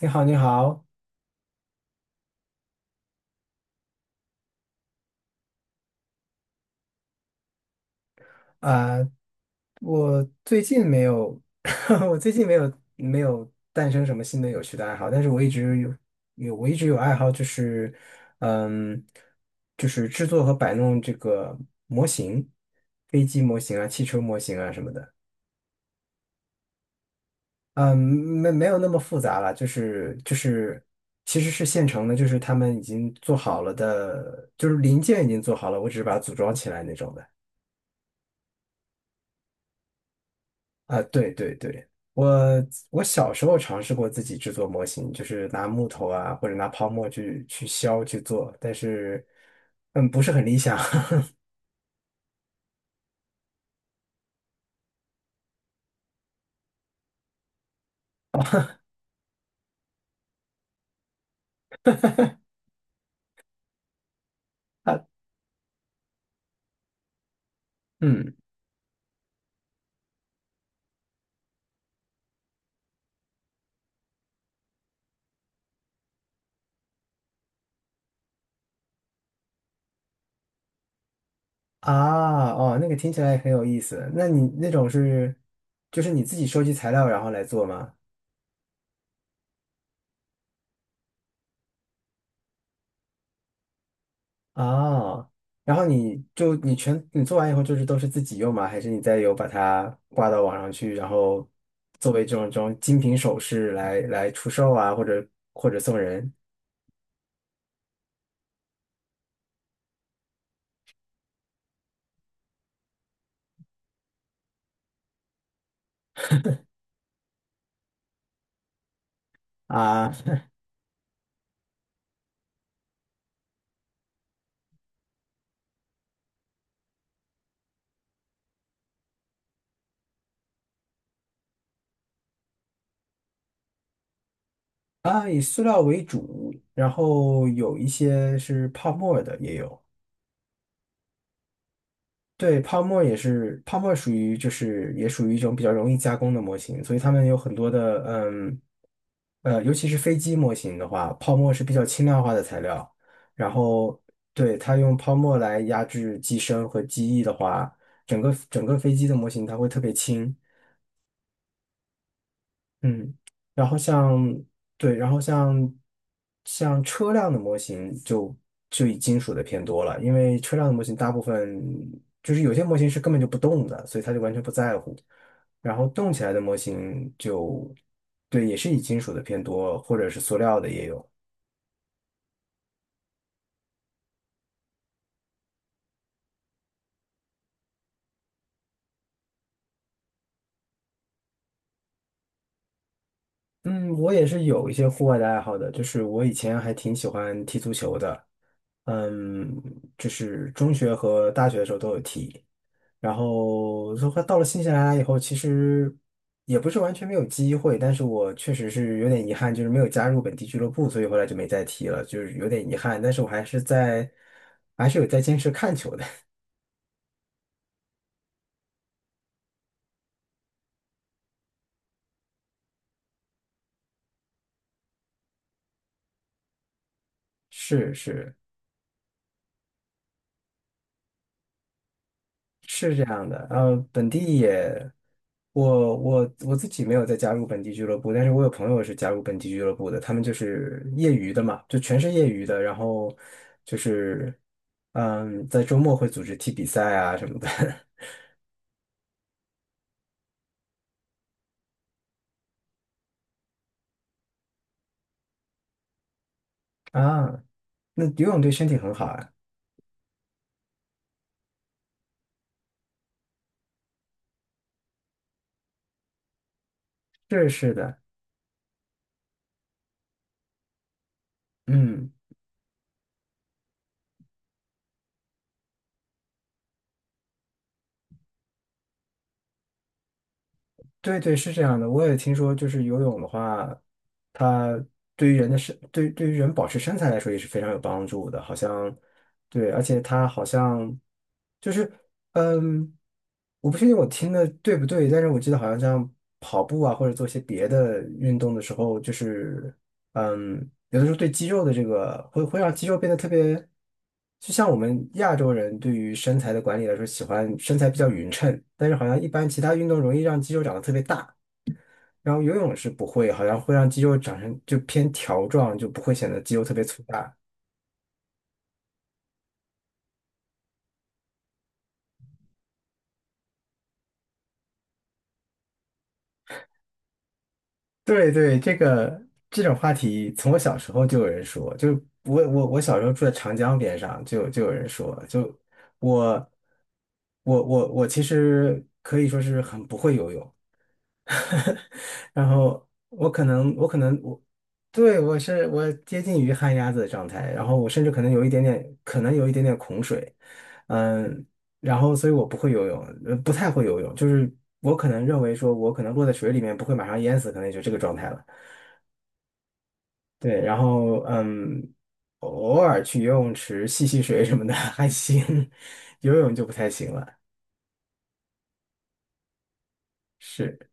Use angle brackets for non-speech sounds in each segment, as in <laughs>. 你好，你好。啊、我最近没有。<laughs> 我最近没有诞生什么新的有趣的爱好，但是我一直有爱好，就是，嗯，就是制作和摆弄这个模型，飞机模型啊、汽车模型啊什么的。没有那么复杂了，就是其实是现成的，就是他们已经做好了的，就是零件已经做好了，我只是把它组装起来那种的。啊，对对对，我我小时候尝试过自己制作模型，就是拿木头啊或者拿泡沫去削去做，但是不是很理想。<laughs> 嗯啊，那个听起来很有意思。那你那种是就是你自己收集材料然后来做吗？啊，然后你做完以后就是都是自己用吗？还是你再有把它挂到网上去，然后作为这种精品首饰来出售啊，或者或者送人啊？ <laughs> 啊，以塑料为主，然后有一些是泡沫的也有。对，泡沫也是。泡沫属于也属于一种比较容易加工的模型，所以他们有很多的。尤其是飞机模型的话，泡沫是比较轻量化的材料。然后对，它用泡沫来压制机身和机翼的话，整个飞机的模型它会特别轻。嗯，然后像对，然后像车辆的模型就以金属的偏多了，因为车辆的模型大部分有些模型是根本就不动的，所以他就完全不在乎。然后动起来的模型对，也是以金属的偏多，或者是塑料的也有。嗯，我也是有一些户外的爱好的。就是我以前还挺喜欢踢足球的，嗯，就是中学和大学的时候都有踢。然后说到了新西兰以后，其实也不是完全没有机会，但是我确实是有点遗憾，就是没有加入本地俱乐部，所以后来就没再踢了，就是有点遗憾。但是我还是在，还是有在坚持看球的。<laughs> 是是是这样的。然后本地也，我自己没有再加入本地俱乐部，但是我有朋友是加入本地俱乐部的，他们就是业余的嘛，就全是业余的，然后就是在周末会组织踢比赛啊什么的。<laughs> 啊，那游泳对身体很好啊。是是的，嗯，对对，是这样的。我也听说，就是游泳的话，它对于人的身，对，对于人保持身材来说也是非常有帮助的，好像。对，而且它好像就是，嗯，我不确定我听的对不对，但是我记得好像像跑步啊，或者做一些别的运动的时候，有的时候对肌肉的这个会让肌肉变得特别，就像我们亚洲人对于身材的管理来说，喜欢身材比较匀称，但是好像一般其他运动容易让肌肉长得特别大。然后游泳是不会，好像会让肌肉长成就偏条状，就不会显得肌肉特别粗大。对对，这种话题，从我小时候就有人说。就我小时候住在长江边上，就有人说。就我我我我其实可以说是很不会游泳。<laughs> 然后我可能我可能我对我是我接近于旱鸭子的状态。然后我甚至可能有一点点，可能有一点点恐水，嗯，然后所以我不会游泳，不太会游泳，就是我可能认为说我可能落在水里面不会马上淹死，可能也就这个状态了。对，偶尔去游泳池戏水什么的。 <laughs> 还行，游泳就不太行了。是。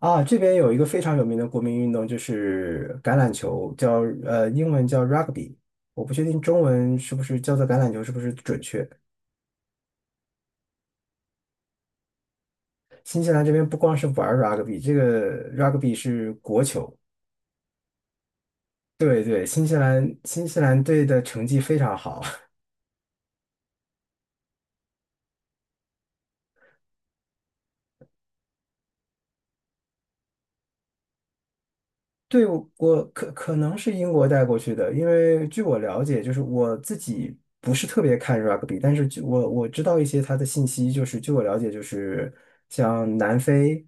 啊，这边有一个非常有名的国民运动就是橄榄球，叫英文叫 rugby，我不确定中文是不是叫做橄榄球是不是准确。新西兰这边不光是玩儿 rugby，这个 rugby 是国球。对对，新西兰队的成绩非常好。<laughs> 对，可能是英国带过去的，因为据我了解，就是我自己不是特别看 rugby，但是我知道一些他的信息，就是据我了解，就是像南非，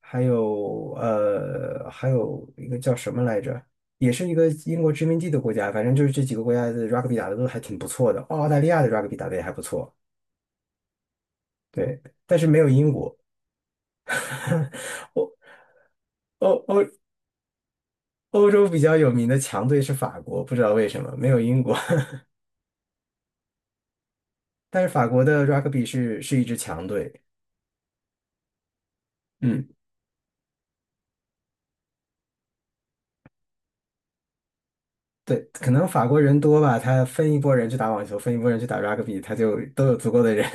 还有还有一个叫什么来着，也是一个英国殖民地的国家，反正就是这几个国家的 rugby 打的都还挺不错的，澳大利亚的 rugby 打的也还不错。对，但是没有英国。<laughs> 欧哦哦，欧洲比较有名的强队是法国，不知道为什么没有英国。<laughs> 但是法国的 rugby 是一支强队。嗯，对，可能法国人多吧，他分一拨人去打网球，分一拨人去打 rugby，他就都有足够的人。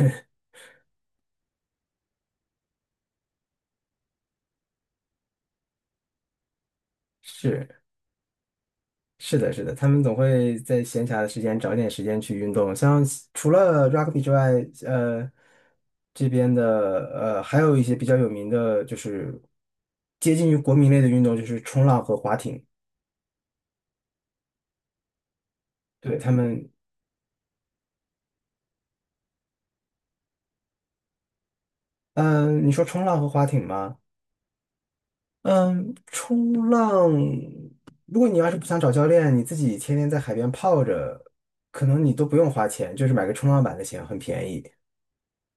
<laughs> 是是的，他们总会在闲暇的时间找点时间去运动。像除了 rugby 之外，呃，这边的还有一些比较有名的，就是接近于国民类的运动，就是冲浪和划艇。对，他们嗯，你说冲浪和划艇吗？嗯，冲浪，如果你要是不想找教练，你自己天天在海边泡着，可能你都不用花钱，就是买个冲浪板的钱，很便宜。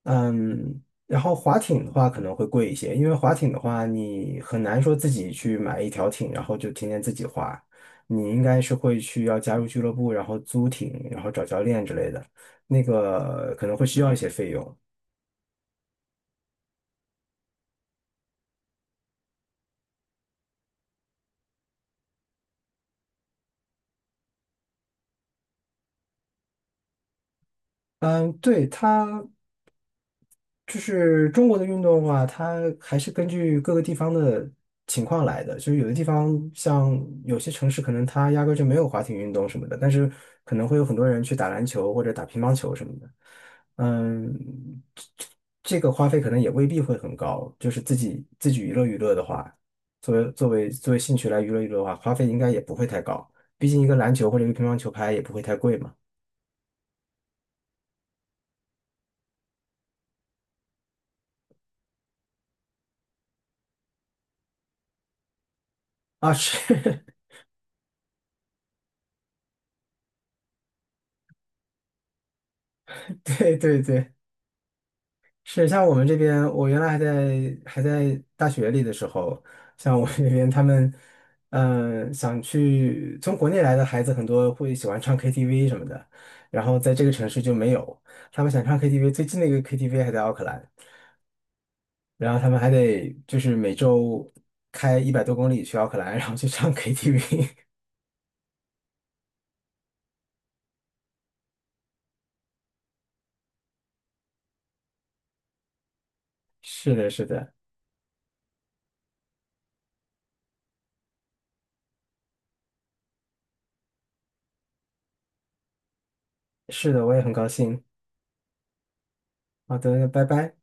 嗯，然后划艇的话可能会贵一些，因为划艇的话你很难说自己去买一条艇，然后就天天自己划，你应该是会去要加入俱乐部，然后租艇，然后找教练之类的，那个可能会需要一些费用。嗯，对，它。就是中国的运动的话，它还是根据各个地方的情况来的。就是有的地方，像有些城市，可能它压根儿就没有滑艇运动什么的，但是可能会有很多人去打篮球或者打乒乓球什么的。嗯，这这个花费可能也未必会很高。就是自己娱乐娱乐的话，作为兴趣来娱乐娱乐的话，花费应该也不会太高。毕竟一个篮球或者一个乒乓球拍也不会太贵嘛。啊，是。<laughs> 对对对。是像我们这边，我原来还在大学里的时候，像我们这边他们，想去从国内来的孩子很多会喜欢唱 KTV 什么的，然后在这个城市就没有，他们想唱 KTV，最近的一个 KTV 还在奥克兰，然后他们还得就是每周开100多公里去奥克兰，然后去唱 KTV。<laughs> 是的，是的，是的，我也很高兴。好的，那拜拜。